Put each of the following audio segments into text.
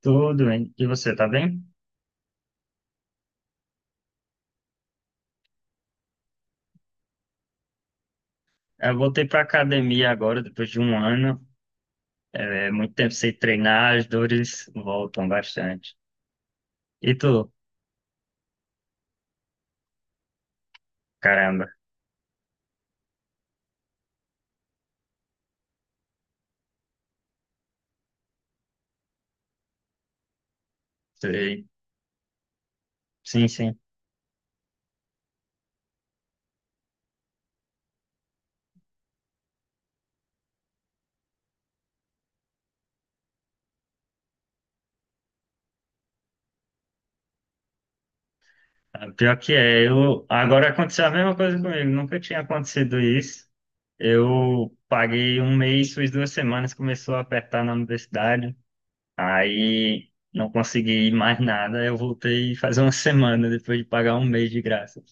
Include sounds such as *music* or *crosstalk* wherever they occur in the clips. Tudo bem. E você, tá bem? Eu voltei pra academia agora, depois de um ano. É, muito tempo sem treinar, as dores voltam bastante. E tu? Caramba. Sei. Sim, sim. Ah, pior que é, eu... Agora aconteceu a mesma coisa comigo. Nunca tinha acontecido isso. Eu paguei um mês, fiz duas semanas, começou a apertar na universidade. Aí não consegui ir mais nada. Eu voltei faz uma *laughs* semana, depois de pagar um mês de graça.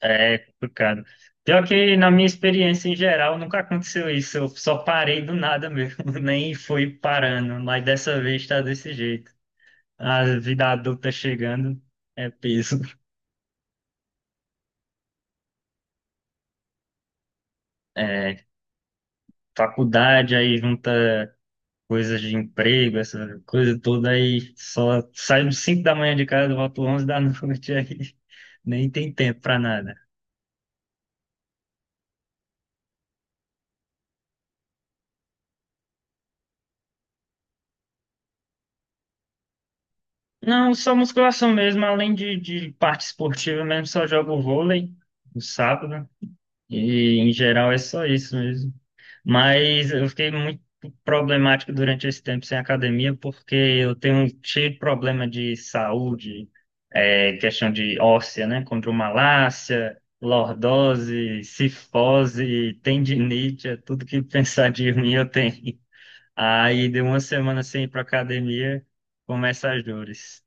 É complicado. Pior que na minha experiência em geral nunca aconteceu isso. Eu só parei do nada mesmo, *laughs* nem fui parando, mas dessa vez tá desse jeito. A vida adulta chegando é peso. É, faculdade aí junta coisas de emprego, essa coisa toda aí só saio às 5 da manhã de casa, volto 11 da noite *laughs* aí. Nem tem tempo pra nada. Não, só musculação mesmo, além de parte esportiva mesmo, só jogo vôlei no sábado. E em geral é só isso mesmo. Mas eu fiquei muito problemático durante esse tempo sem academia porque eu tenho um cheio de problema de saúde, é, questão de óssea, né? Condromalácia, lordose, cifose, tendinite, é tudo que *laughs* pensar de mim eu tenho. Aí deu uma semana sem ir para academia, começa as dores.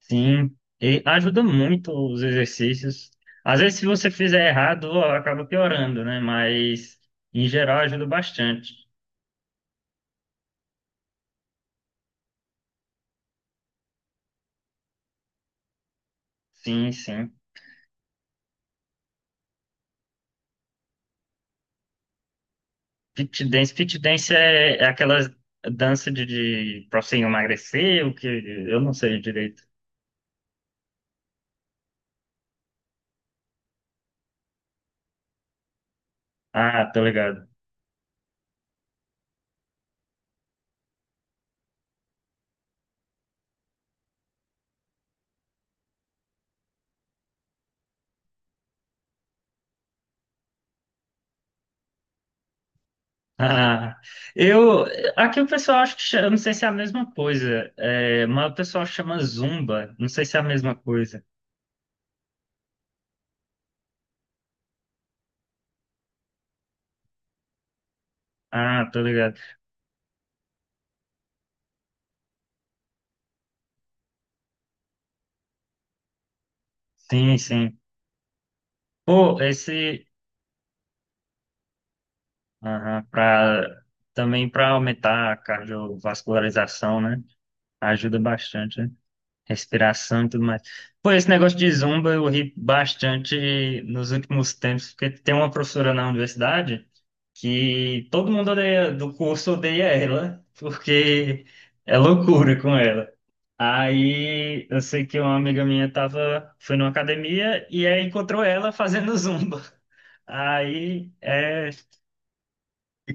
Sim, e ajuda muito os exercícios. Às vezes, se você fizer errado, ó, acaba piorando, né? Mas, em geral, ajuda bastante. Sim, sim. Fit dance é, é aquela dança de pra você emagrecer, o que eu não sei direito. Ah, tô ligado. *laughs* Ah, eu, aqui o pessoal acha que chama, eu não sei se é a mesma coisa, é, mas o pessoal chama Zumba, não sei se é a mesma coisa. Ah, tô ligado. Sim, sim. Pô, esse, aham, pra, também para aumentar a cardiovascularização, né? Ajuda bastante, né? Respiração e tudo mais. Pô, esse negócio de zumba eu ri bastante nos últimos tempos, porque tem uma professora na universidade que todo mundo odeia, do curso odeia ela, porque é loucura com ela. Aí eu sei que uma amiga minha tava, foi numa academia e aí encontrou ela fazendo *laughs* zumba. Aí é,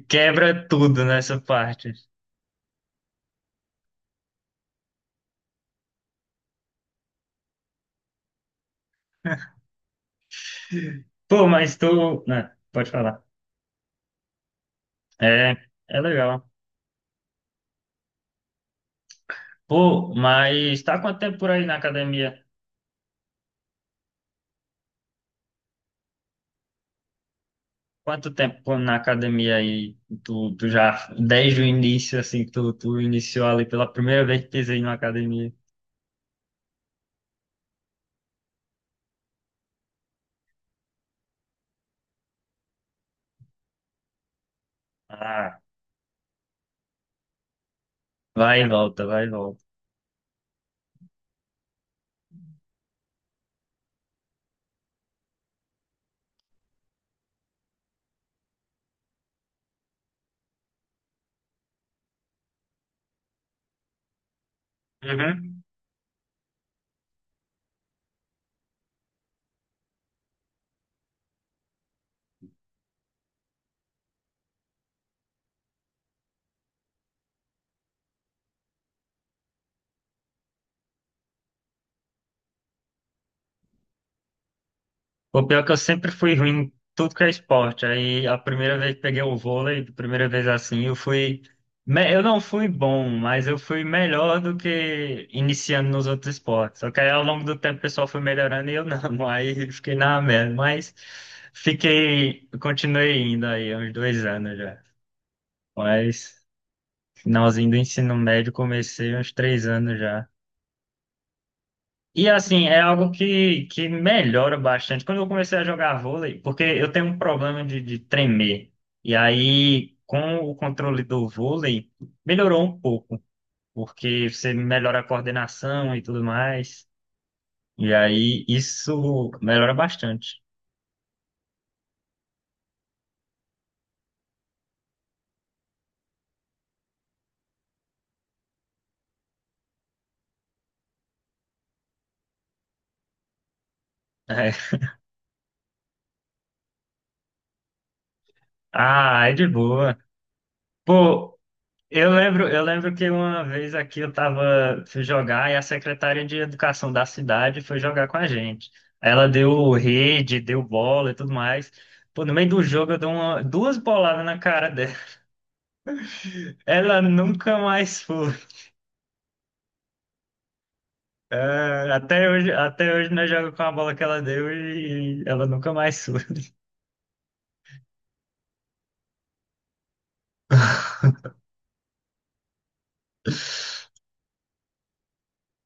quebra tudo nessa parte. Pô, mas tu. Né, pode falar. É, é legal. Pô, mas tá quanto tempo por aí na academia? Quanto tempo na academia aí? Tu, tu já, desde o início, assim, tu, tu iniciou ali pela primeira vez que pisei na academia. Ah, vai e volta, vai e volta. Uhum. O pior é que eu sempre fui ruim em tudo que é esporte. Aí a primeira vez que peguei o vôlei, a primeira vez assim, eu fui. Me- eu não fui bom, mas eu fui melhor do que iniciando nos outros esportes. Só que aí ao longo do tempo o pessoal foi melhorando e eu não. *laughs* Aí fiquei na merda. Mas fiquei. Continuei indo aí, uns dois anos já. Mas finalzinho do ensino médio comecei uns três anos já. E assim, é algo que melhora bastante. Quando eu comecei a jogar vôlei, porque eu tenho um problema de tremer. E aí, com o controle do vôlei, melhorou um pouco, porque você melhora a coordenação e tudo mais. E aí, isso melhora bastante. *laughs* É. Ah, é de boa. Pô, eu lembro que uma vez aqui eu tava, fui jogar e a secretária de educação da cidade foi jogar com a gente. Ela deu rede, deu bola e tudo mais. Pô, no meio do jogo eu dei uma, duas boladas na cara dela. *laughs* Ela nunca mais foi. É, até hoje nós jogamos com a bola que ela deu e ela nunca mais foi. *laughs*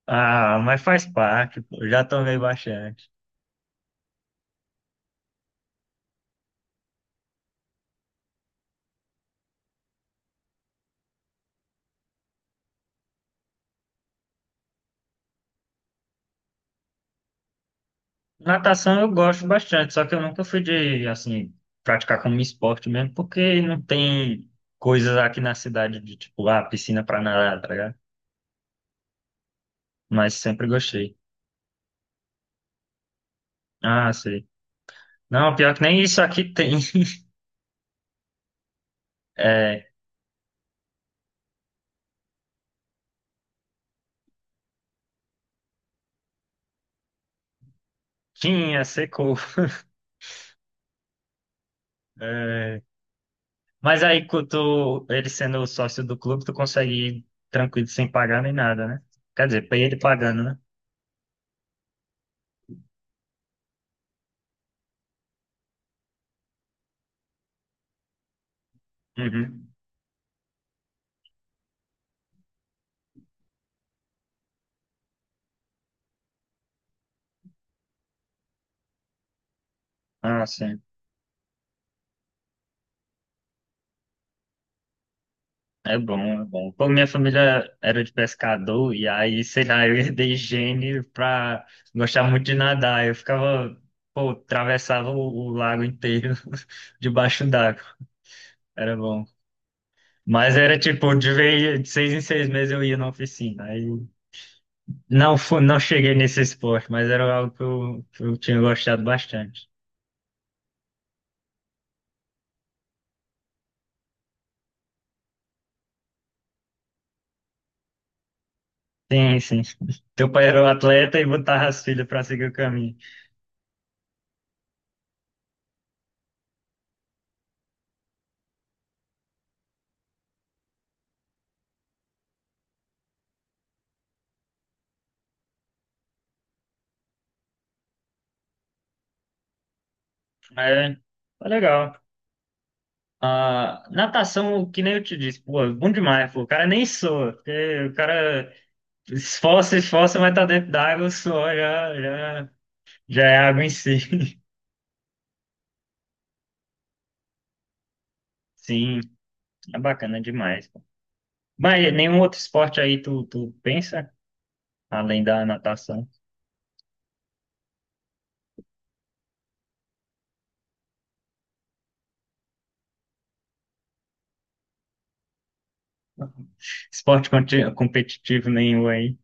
Ah, mas faz parte, pô, já tomei bastante. Natação eu gosto bastante, só que eu nunca fui de, assim, praticar como esporte mesmo, porque não tem coisas aqui na cidade de, tipo, ah, piscina pra nadar, tá ligado? Mas sempre gostei. Ah, sei. Não, pior que nem isso aqui tem. *laughs* É, tinha, secou. É, mas aí, quando tu, ele sendo o sócio do clube, tu consegue ir tranquilo, sem pagar nem nada, né? Quer dizer, pra ele pagando, né? Uhum. Ah, sim. É bom, é bom. Pô, minha família era de pescador, e aí, sei lá, eu herdei gene pra gostar muito de nadar. Eu ficava, pô, atravessava o lago inteiro *laughs* debaixo d'água. Era bom. Mas era tipo, de vez, de 6 em 6 meses eu ia na oficina. Aí não, fu- não cheguei nesse esporte, mas era algo que eu tinha gostado bastante. Sim, sim. Teu pai era um atleta e botava as filhas pra seguir o caminho. É, tá legal. Ah, natação, que nem eu te disse, pô, é bom demais, pô. O cara nem soa, porque o cara esforça, esforça, mas tá dentro d'água, o suor já, já, já é água em si. *laughs* Sim, é bacana demais, pô. Mas nenhum outro esporte aí tu, tu pensa, além da natação? Esporte conti- competitivo nenhum aí,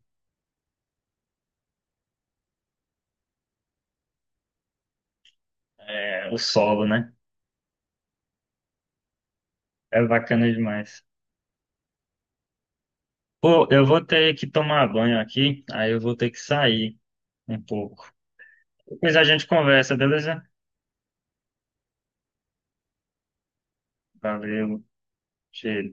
é o solo, né? É bacana demais. Pô, eu vou ter que tomar banho aqui, aí eu vou ter que sair um pouco. Depois a gente conversa, beleza? Valeu, cheiro.